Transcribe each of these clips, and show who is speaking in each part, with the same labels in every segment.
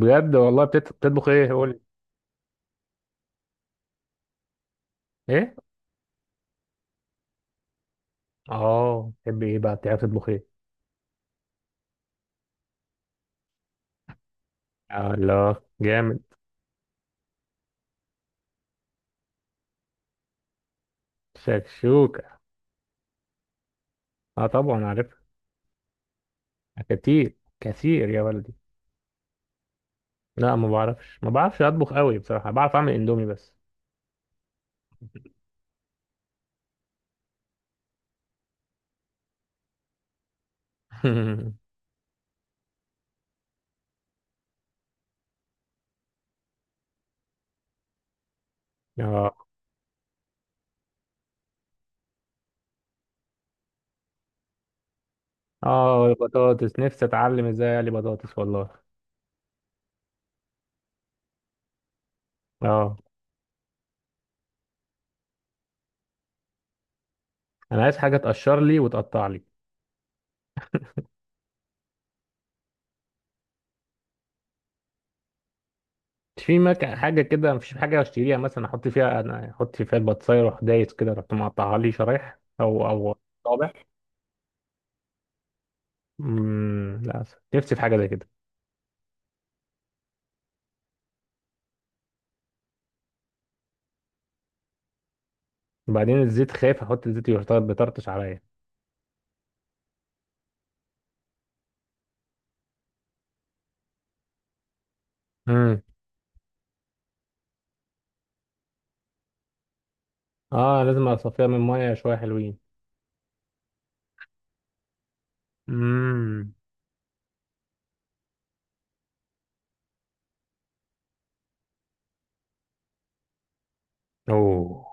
Speaker 1: بجد والله بتطبخ ايه قول لي؟ ايه اه تحب ايه بقى؟ بتعرف تطبخ ايه؟ آه، الله. جامد. شكشوكة. اه طبعا عارفها. كتير كتير يا ولدي. لا ما بعرفش، اطبخ قوي بصراحة، بعرف اعمل اندومي بس. اه. اه البطاطس نفسي اتعلم ازاي اقلي بطاطس والله. اه انا عايز حاجة تقشر لي وتقطع لي. مش في مك... حاجة كده، مفيش حاجة اشتريها مثلا احط فيها، انا احط فيها البطاطساية واروح دايس كده، رحت مقطعها لي شرايح او طابع. للاسف نفسي في حاجه زي كده. وبعدين الزيت، خايف احط الزيت بيطرطش عليا. امم اه لازم اصفيها من ميه شويه حلوين. امم. اوه.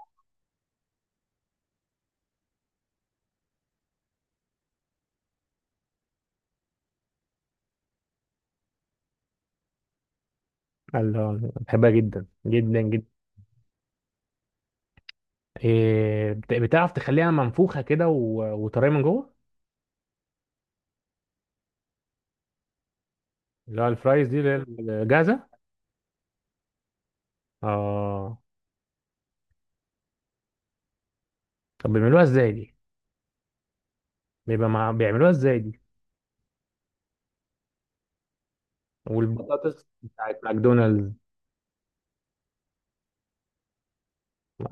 Speaker 1: الله بحبها جدا جدا جدا. إيه، بتعرف تخليها منفوخه كده وطريه من جوه؟ اللي هو الفرايز دي اللي هي الجاهزه. اه طب بيعملوها ازاي دي؟ بيعملوها ازاي دي؟ والبطاطس بتاعت ماكدونالدز؟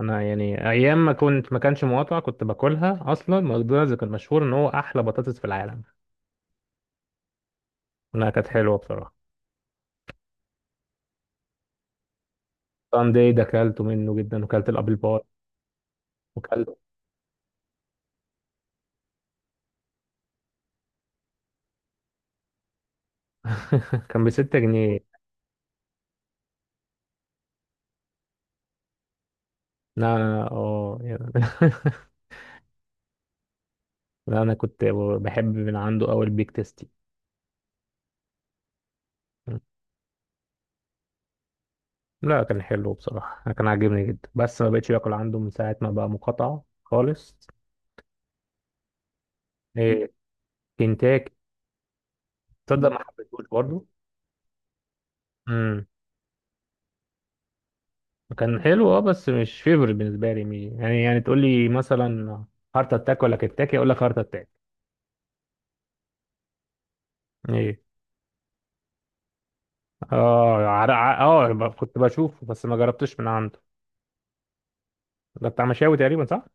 Speaker 1: انا يعني ايام ما كنت، ما كانش مقاطع، كنت باكلها اصلا. ماكدونالدز كان مشهور ان هو احلى بطاطس في العالم. انها كانت حلوه بصراحه. ساندي ده اكلته منه جدا، وكلت الابل باي. وكلت كان ب 6 جنيه. لا انا اه يعني لا انا كنت بحب من عنده قوي البيك تيستي. لا كان حلو بصراحه، كان عاجبني جدا، بس ما بقتش باكل عنده من ساعه ما بقى مقاطعه خالص. ايه؟ كنتاكي. تصدق ما حبيتهوش برضه. كان حلو اه بس مش فيفورت بالنسبه لي. يعني يعني تقول لي مثلا هارت اتاك ولا كنتاكي اقول لك هارت اتاك. ايه؟ كنت بشوفه بس ما جربتش من عنده. ده بتاع مشاوي تقريبا صح؟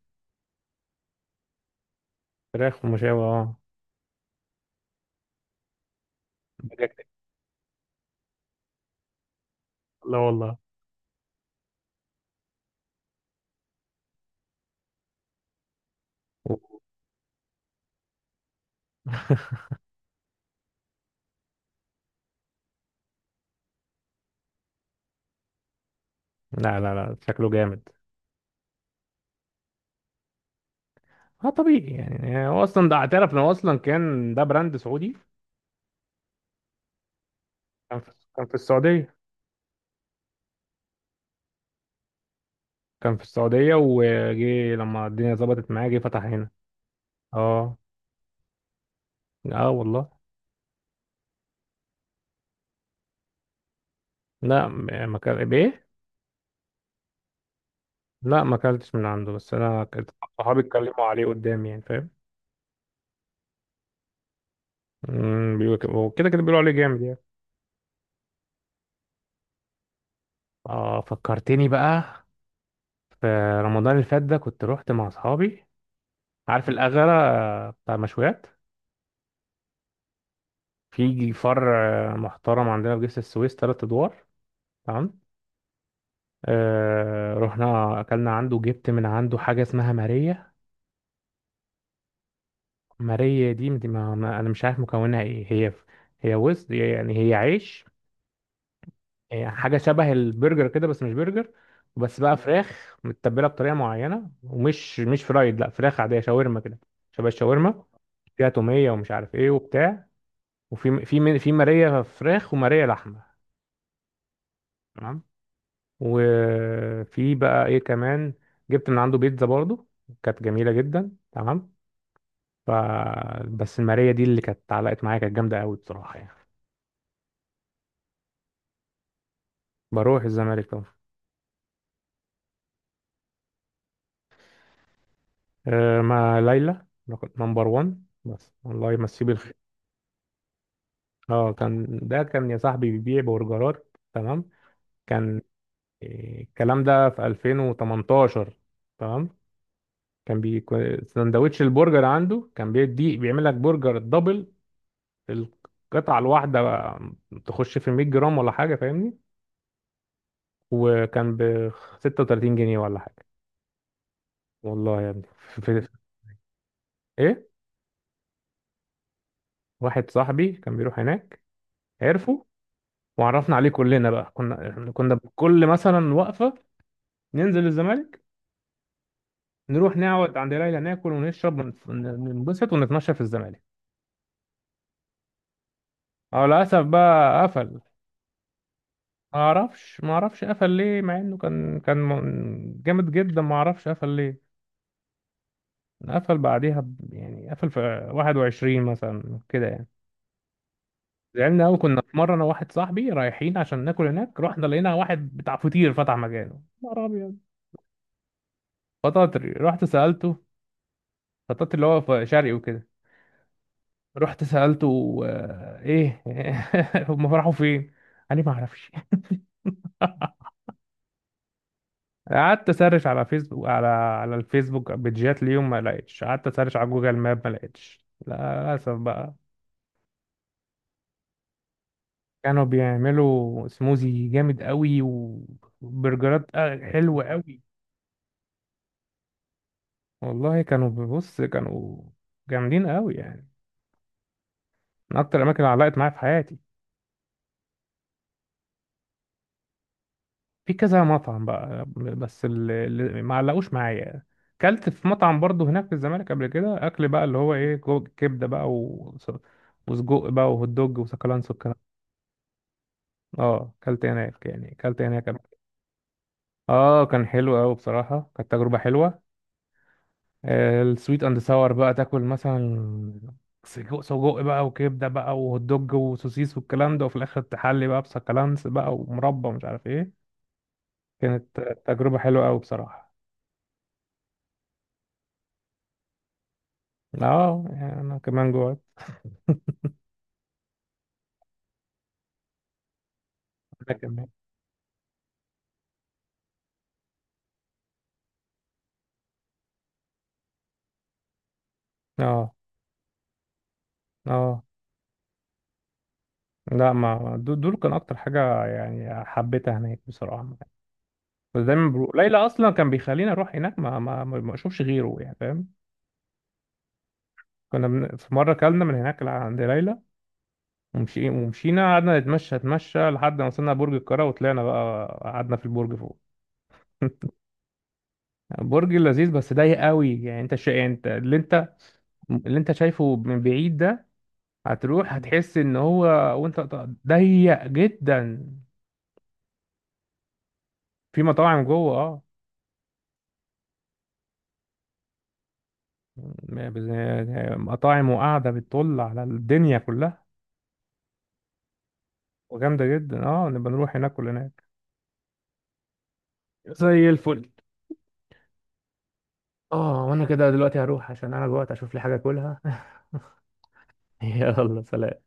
Speaker 1: فراخ ومشاوي اه. بجاكتك. لا والله. لا لا لا، شكله جامد. اه طبيعي يعني، هو اصلا ده اعترف ان هو اصلا كان ده براند سعودي. كان في السعوديه. كان في السعوديه وجي لما الدنيا ظبطت معاه جه فتح هنا اه. اه والله. لا م- ما كان بايه. لا ما اكلتش من عنده، بس انا كنت صحابي اتكلموا عليه قدامي، يعني فاهم. أمم، بيقولوا كده وكده كده، بيقولوا عليه جامد يعني. اه فكرتني بقى في رمضان اللي فات ده كنت رحت مع اصحابي. عارف الأغرة، آه، بتاع مشويات. في فرع آه، محترم عندنا في جسر السويس تلات ادوار. تمام. آه رحنا اكلنا عنده، جبت من عنده حاجه اسمها ماريه. ماريه دي انا مش عارف مكونها ايه هي. هي وز يعني، هي عيش. هي حاجة شبه البرجر كده بس مش برجر. بس بقى مم. فراخ متبلة بطريقة معينة، ومش مش فرايد، لا فراخ عادية، شاورما كده. شبه الشاورما. فيها تومية ومش عارف ايه وبتاع. في مارية فراخ ومارية لحمة. تمام. وفي بقى ايه كمان، جبت من عنده بيتزا برضو كانت جميلة جدا. تمام. ف، بس المارية دي اللي كانت علقت معايا، كانت جامدة قوي بصراحة يعني. بروح الزمالك طبعا. أه مع ليلى. نمبر 1 بس، الله يمسيه بالخير. اه كان ده كان يا صاحبي بيبيع برجرات. تمام. كان إيه، الكلام ده في 2018. تمام. سندوتش البرجر عنده كان بيدي، بيعمل لك برجر دبل. القطعة الواحدة بقى تخش في 100 جرام ولا حاجة، فاهمني. وكان ب 36 جنيه ولا حاجة. والله يا ابني ايه. واحد صاحبي كان بيروح هناك، عرفه وعرفنا عليه كلنا بقى. كنا بكل مثلا وقفة ننزل الزمالك، نروح نقعد عند ليلى، ناكل ونشرب ننبسط ونتمشى في الزمالك. اه للاسف بقى قفل. ما اعرفش، قفل ليه، مع انه جامد جدا. ما اعرفش قفل ليه. قفل بعديها يعني قفل في 21 مثلا كده يعني. زعلنا قوي. كنا في مره انا وواحد صاحبي رايحين عشان ناكل هناك، رحنا لقينا واحد بتاع فطير فتح مكانه نهار ابيض. فطاطري. رحت سالته، فطاطري اللي هو في شرقي وكده. رحت سالته، آه، ايه هم فرحوا فين؟ قال لي ما اعرفش. قعدت اسرش على فيسبوك، على الفيسبوك، بيجات ليهم ما لقيتش. قعدت اسرش على جوجل ماب، ما لقيتش للاسف بقى. كانوا بيعملوا سموزي جامد قوي، وبرجرات آه، حلوة قوي. والله كانوا، بص كانوا جامدين قوي يعني، من اكتر الاماكن اللي علقت معايا في حياتي. في كذا مطعم بقى بس اللي ما علقوش معايا. كلت في مطعم برضه هناك في الزمالك قبل كده. اكل بقى اللي هو ايه، كبده بقى وسجق بقى وهوت دوج وسكالانس. اه اكلت هناك، يعني اكلت هناك قبل كده. اه كان حلو قوي بصراحه، كانت تجربه حلوه. آه، السويت اند ساور بقى تاكل مثلا سجق بقى وكبده بقى وهوت دوج وسوسيس والكلام ده، وفي الاخر تحلي بقى بسكالانس بقى ومربى مش عارف ايه. كانت تجربه حلوه قوي بصراحه. اه يعني انا كمان جوعت. انا كمان. اه. اه لا ما دول كان اكتر حاجه يعني حبيتها هناك بصراحه. بس دايما ليلى اصلا كان بيخليني اروح هناك، ما اشوفش غيره، يعني فاهم. في مرة كلنا من هناك عند ليلى، ومشينا قعدنا نتمشى نتمشى لحد ما وصلنا برج القاهرة، وطلعنا بقى قعدنا في البرج فوق. برج لذيذ بس ضيق قوي يعني. يعني انت اللي انت شايفه من بعيد ده، هتروح هتحس ان هو، ضيق جدا. في مطاعم جوه اه. م- بز- مطاعم وقاعدة بتطل على الدنيا كلها وجامدة جدا. اه نبقى نروح هناك كلنا. زي الفل. اه وانا كده دلوقتي هروح عشان انا جوعت، اشوف لي حاجه اكلها. يلا سلام.